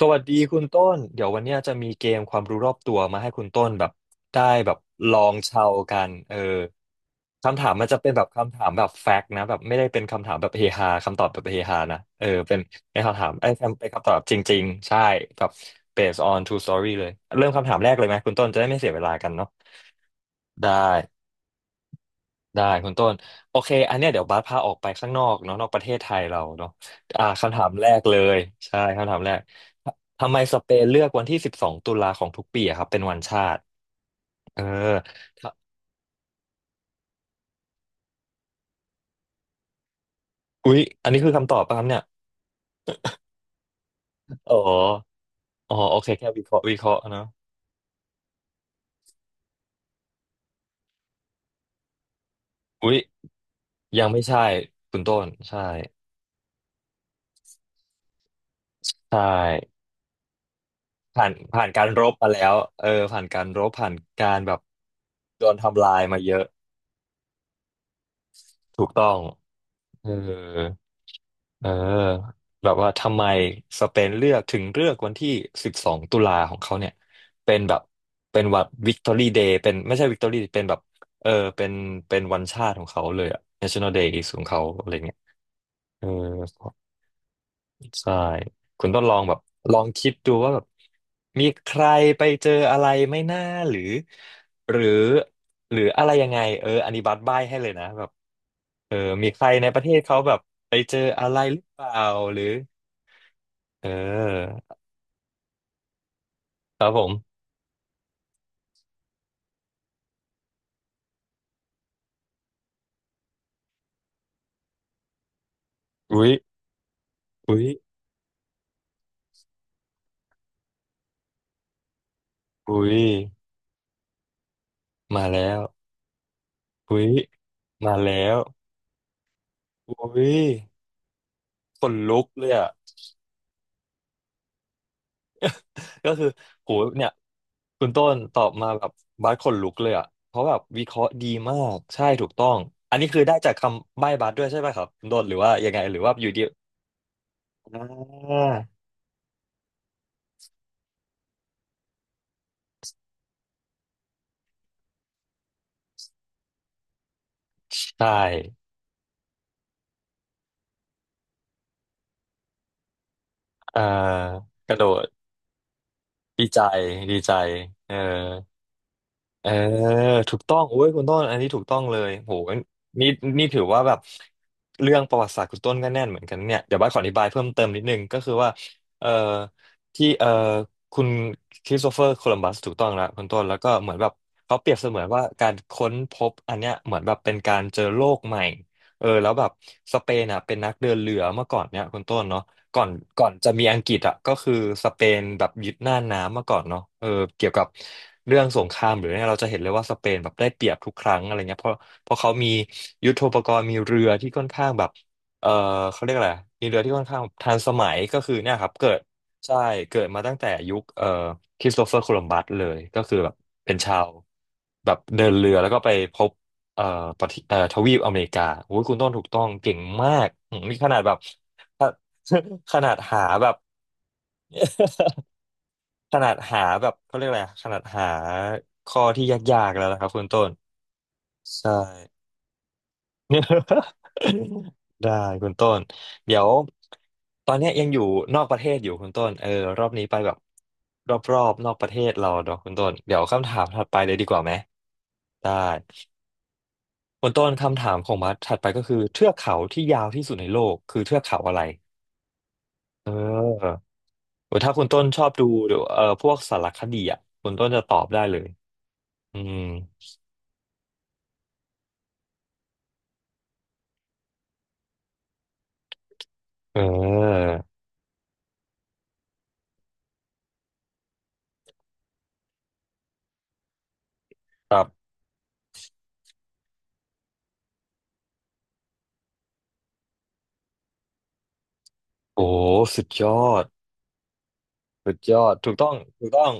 สวัสดีคุณต้นเดี๋ยววันเนี้ยจะมีเกมความรู้รอบตัวมาให้คุณต้นแบบได้แบบลองเชากันเออคำถามมันจะเป็นแบบคำถามแบบแฟกต์นะแบบไม่ได้เป็นคำถามแบบเฮฮาคำตอบแบบเฮฮานะเออเป็นเป็นคำถามไอ้ยเป็นคำตอบจริงๆใช่แบบ based on true story เลยเริ่มคำถามแรกเลยไหมคุณต้นจะได้ไม่เสียเวลากันเนาะได้ ได้คุณต้นโอเคอันเนี้ยเดี๋ยวบาสพาออกไปข้างนอกเนาะนอกประเทศไทยเราเนาะคำถามแรกเลยใช่คำถามแรกทำไมสเปนเลือกวันที่สิบสองตุลาของทุกปีอะครับเป็นวันชาติเออถ้าอุ๊ยอันนี้คือคำตอบป่ะครับเนี่ยอ๋ออ๋อโอเคแค่วิเคราะห์วิเคราะห์เนาะอุ๊ยยังไม่ใช่คุณต้นใช่ใช่ผ่านผ่านการรบมาแล้วเออผ่านการรบผ่านการแบบโดนทำลายมาเยอะถูกต้องเออ เออแบบว่าทำไมสเปนเลือกถึงเลือกวันที่สิบสองตุลาของเขาเนี่ยเป็นแบบเป็นวันวิกตอรี่เดย์เป็นไม่ใช่วิกตอรี่เป็นแบบเออเป็นเป็นวันชาติของเขาเลยอะ National Day ของเขาอะไรเงี้ยเออใช่คุณต้องลองแบบลองคิดดูว่าแบบมีใครไปเจออะไรไม่น่าหรือหรือหรืออะไรยังไงเอออันนี้บัตรบ้ายให้เลยนะแบบเออมีใครในประเทศเขาแบบไปเจออะไรหรือเปล่าหรือ เออครับผมอุ๊ยอุ๊ยอุ๊ยมาแล้วอุ๊ยมาแล้วอุ๊ยขนลุกเลยอ่ะ ก็คือโหเนี่ยคุณต้นตอบมาแบบบาสขนลุกเลยอ่ะเพราะแบบวิเคราะห์ดีมากใช่ถูกต้องอันนี้คือได้จากคำใบ้บาสด้วยใช่ไหมครับคุณต้นหรือว่ายังไงหรือว่าอยู่ดีอ่าใช่อ่ากระโดดดีใจดีใจเออ เออถูกต้องโอ้ยคุณต้นอันนี้ถูกต้องเลยโหนี่นี่ถือว่าแบบเรื่องประวัติศาสตร์คุณต้นก็แน่นเหมือนกันเนี่ยเดี๋ยวบ้านขออธิบายเพิ่มเติมนิดนึงก็คือว่าเอ่อที่คุณคริสโตเฟอร์โคลัมบัสถูกต้องแล้วคุณต้นแล้วก็เหมือนแบบเขาเปรียบเสมือนว่าการค้นพบอันเนี้ยเหมือนแบบเป็นการเจอโลกใหม่เออแล้วแบบสเปนอ่ะเป็นนักเดินเรือเมื่อก่อนเนี่ยคุณต้นเนาะ ก่อนก่อนจะมีอังกฤษอ่ะก็คือสเปนแบบยึดหน้าน้ำมาก่อนเนาะเออเกี่ยวกับเรื่องสงครามหรือเนี่ยเราจะเห็นเลยว่าสเปนแบบได้เปรียบทุกครั้งอะไรเงี้ยเพราะเขามียุทโธปกรณ์มีเรือที่ค่อนข้างแบบเออเขาเรียกอะไรมีเรือที่ค่อนข้างทันสมัยก็คือเนี่ยครับเกิดใช่เกิดมาตั้งแต่ยุคคริสโตเฟอร์โคลัมบัสเลยก็คือแบบเป็นชาวแบบเดินเรือแล้วก็ไปพบเอ่อประเทศทวีปอเมริกาโอ้ยคุณต้นถูกต้องเก่งมากอืมนี่ขนาดแบบ ขนาดหาแบบ ขนาดหาแบบเขาเรียกอะไรอะขนาดหาข้อที่ยากๆแล้วนะครับคุณต้นใช่ ได้คุณต้นเดี๋ยวตอนเนี้ยยังอยู่นอกประเทศอยู่คุณต้นเออรอบนี้ไปแบบรอบๆนอกประเทศเราเนาะคุณต้นเดี๋ยวคำถามถัดไปเลยดีกว่าไหมได้คุณต้นคำถามของมัดถัดไปก็คือเทือกเขาที่ยาวที่สุดในโลกคือเทือกเขาอะไรเออ หรือถ้าคุณต้นชอบดูพวกสารคดีอ่ะคุณต้นจะตอบได้เลยอืมเออครับโอ้สุดยอดสุดยอดถูกต้องถูกต้อง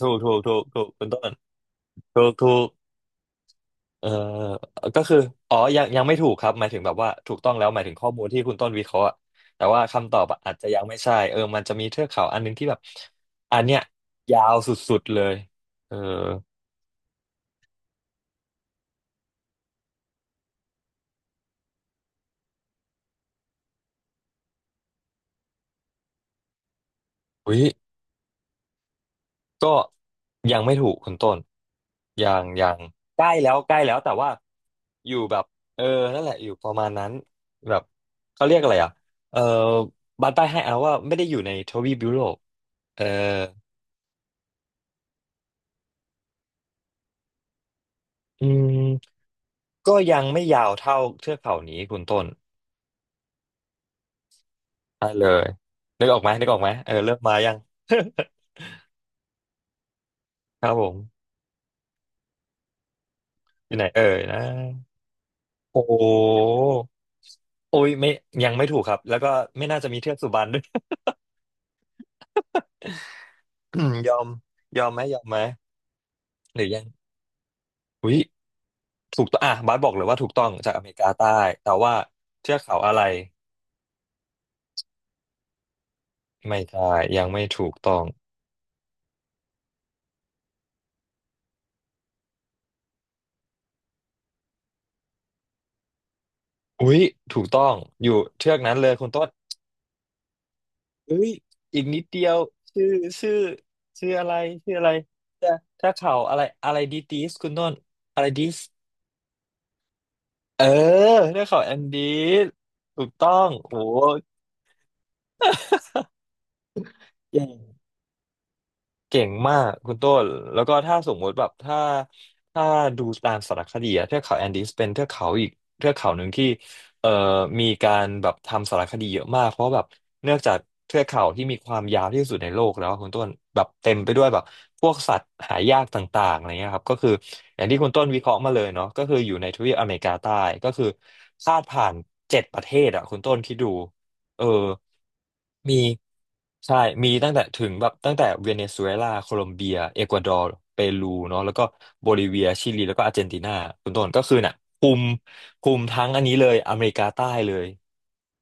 ถูกถูกถูกถูกคุณต้นถูกถูกเออก็คืออ๋อยังไม่ถูกครับหมายถึงแบบว่าถูกต้องแล้วหมายถึงข้อมูลที่คุณต้นวิเคราะห์อะแต่ว่าคำตอบอะอาจจะยังไม่ใช่เออมันจะมีเทือกเขาอันหนึงที่แบบอันเนี้ยยาวสุดๆเลยเอออุ้ย ก็ยังไม่ถูกคุณต้นยังใกล้แล้วใกล้แล้วแต่ว่าอยู่แบบเออนั่นแหละอยู่ประมาณนั้นแบบเขาเรียกอะไรอ่ะเออบัตรใต้ให้เอาว่าไม่ได้อยู่ในทวีปยุโรปเอออืมก็ยังไม่ยาวเท่าเทือกเขานี้คุณต้นอ่ะเลยนึกออกไหมนึกออกไหมเออเริ่มมายัง ครับผมอยู่ไหนเอ่ยนะโอ้โหโอ้ยไม่ยังไม่ถูกครับแล้วก็ไม่น่าจะมีเทือกสุบรรณด้วย ยอมยอมไหมยอมไหม หรือยังอุ้ยถูกต้องอ่ะบาสบอกเลยว่าถูกต้องจากอเมริกาใต้แต่ว่าเทือกเขาอะไรไม่ใช่ยังไม่ถูกต้องอุ้ยถูกต้องอยู่เทือกนั้นเลยคุณต้นอุ้ยอีกนิดเดียวชื่อชื่อชื่ออะไรชื่ออะไรเทือกเขาอะไรอะไรดีดีสคุณต้นอะไรดีสเออเทือกเขาแอนดีสถูกต้องโอ้เก่ง เก่งมากคุณต้นแล้วก็ถ้าสมมติแบบถ้าดูตามสารคดีอะเทือกเขาแอนดีสเป็นเทือกเขาอีกเทือกเขาหนึ่งที่เอ่อมีการแบบทำสารคดีเยอะมากเพราะแบบเนื่องจากเทือกเขาที่มีความยาวที่สุดในโลกแล้วอะคุณต้นแบบเต็มไปด้วยแบบพวกสัตว์หายากต่างๆอะไรเงี้ยครับก็คืออย่างที่คุณต้นวิเคราะห์มาเลยเนาะก็คืออยู่ในทวีปอเมริกาใต้ก็คือพาดผ่านเจ็ดประเทศอะคุณต้นคิดดูเออ มีใช่ มีตั้งแต่ถึงแบบตั้งแต่เวเนซุเอลาโคลอมเบียเอกวาดอร์เปรูเนาะแล้วก็โบลิเวียชิลีแล้วก็อาร์เจนตินาคุณต้นก็คือน่ะคุมคุมทั้งอันนี้เลยอเมริกาใต้เลย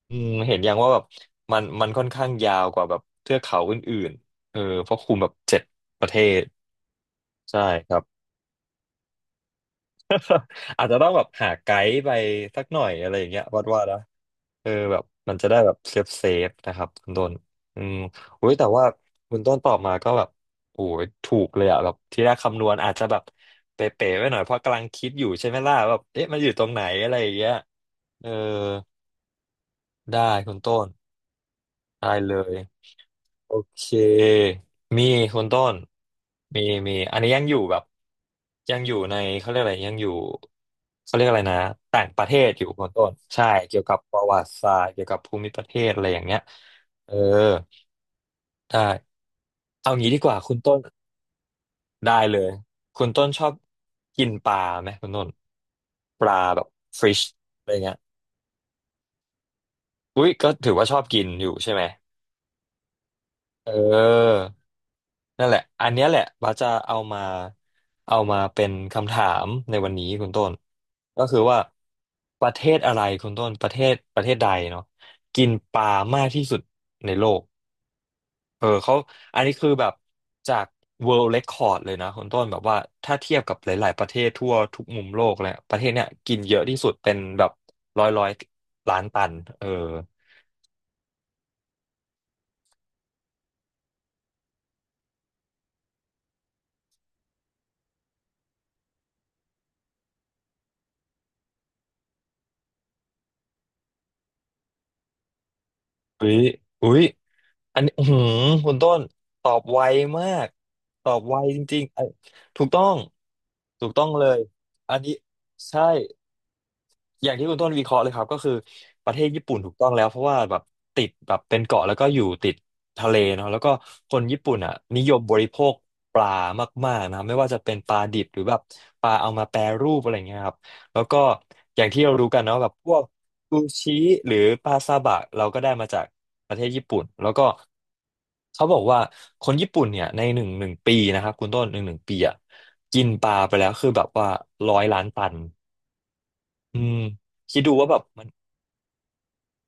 อืมเห็นอย่างว่าแบบมันค่อนข้างยาวกว่าแบบเทือกเขาอื่นๆเออเพราะคุมแบบเจ็ดประเทศใช่ครับอาจจะต้องแบบหาไกด์ไปสักหน่อยอะไรอย่างเงี้ยวัดว่า เออแบบมันจะได้แบบเซฟเซฟนะครับคุณต้นอืมอุ้ยแต่ว่าคุณต้นตอบมาก็แบบโอ้ยถูกเลยอะแบบที่แรกคำนวณอาจจะแบบเป๋ๆไว้หน่อยเพราะกำลังคิดอยู่ใช่ไหมล่ะแบบเอ๊ะมันอยู่ตรงไหนอะไรอย่างเงี้ยเออได้คุณต้นได้เลย โอเค มีคุณต้นมีมีอันนี้ยังอยู่แบบยังอยู่ในเขาเรียกอะไรยังอยู่เขาเรียกอะไรนะต่างประเทศอยู่คุณต้นใช่เกี่ยวกับประวัติศาสตร์เกี่ยวกับภูมิประเทศอะไรอย่างเงี้ยเออได้เอางี้ดีกว่าคุณต้นได้เลยคุณต้นชอบกินปลาไหมคุณต้นปลาแบบฟิชอะไรเงี้ยอุ้ยก็ถือว่าชอบกินอยู่ใช่ไหม เออ นั่นแหละ อันเนี้ยแหละบาสจะเอามาเอามาเป็นคำถามในวันนี้คุณต้นก็คือว่าประเทศอะไรคุณต้นประเทศใดเนาะกินปลามากที่สุดในโลกเออเขาอันนี้คือแบบจาก World Record เลยนะคุณต้นแบบว่าถ้าเทียบกับหลายๆประเทศทั่วทุกมุมโลกแล้วประเทศเนี้ยกินเยอะที่สุดเป็นแบบร้อยล้านตันเอออุ้ยอุ้ย อันนี้อื้อหือคุณต้นตอบไวมาก ตอบไวจริงๆเอ้ยถูกต้อง ถูกต้องเลย อันนี้ใช่ อย่างที่คุณต้นวิเคราะห์เลยครับก็คือประเทศญี่ปุ่นถูกต้องแล้วเพราะว่าแบบติดแบบเป็นเกาะแล้วก็อยู่ติดทะเลเนาะแล้วก็คนญี่ปุ่นอ่ะนิยมบริโภคปลามากๆนะครับไม่ว่าจะเป็นปลาดิบหรือแบบปลาเอามาแปรรูปอะไรเงี้ยครับแล้วก็อย่างที่เรารู้กันเนาะแบบพวกซูชิหรือปลาซาบะเราก็ได้มาจากประเทศญี่ปุ่นแล้วก็เขาบอกว่าคนญี่ปุ่นเนี่ยในหนึ่งปีนะครับคุณต้นหนึ่งปีอ่ะกินปลาไปแล้วคือแบบว่าร้อยล้านตัน อืมคิดดูว่าแบบมัน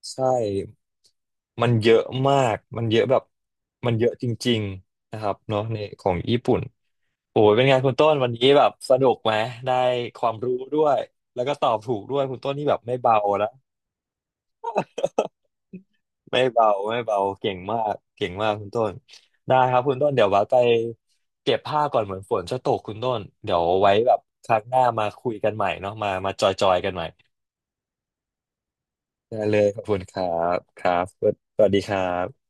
ใช่มันเยอะมาก มันเยอะแบบมันเยอะจริงๆนะครับเนาะในของญี่ปุ่นโอ้ยเป็นไงคุณต้นวันนี้แบบสนุกไหมได้ความรู้ด้วยแล้วก็ตอบถูกด้วยคุณต้นที่แบบไม่เบานะไม่เบาไม่เบาเก่งมากเก่งมากคุณต้นได้ครับคุณต้นเดี๋ยวว่าไปเก็บผ้าก่อนเหมือนฝนจะตกคุณต้นเดี๋ยวไว้แบบครั้งหน้ามาคุยกันใหม่เนาะมามาจอยๆกันใหม่ได้เลยขอบคุณครับครับสวัสดีครับ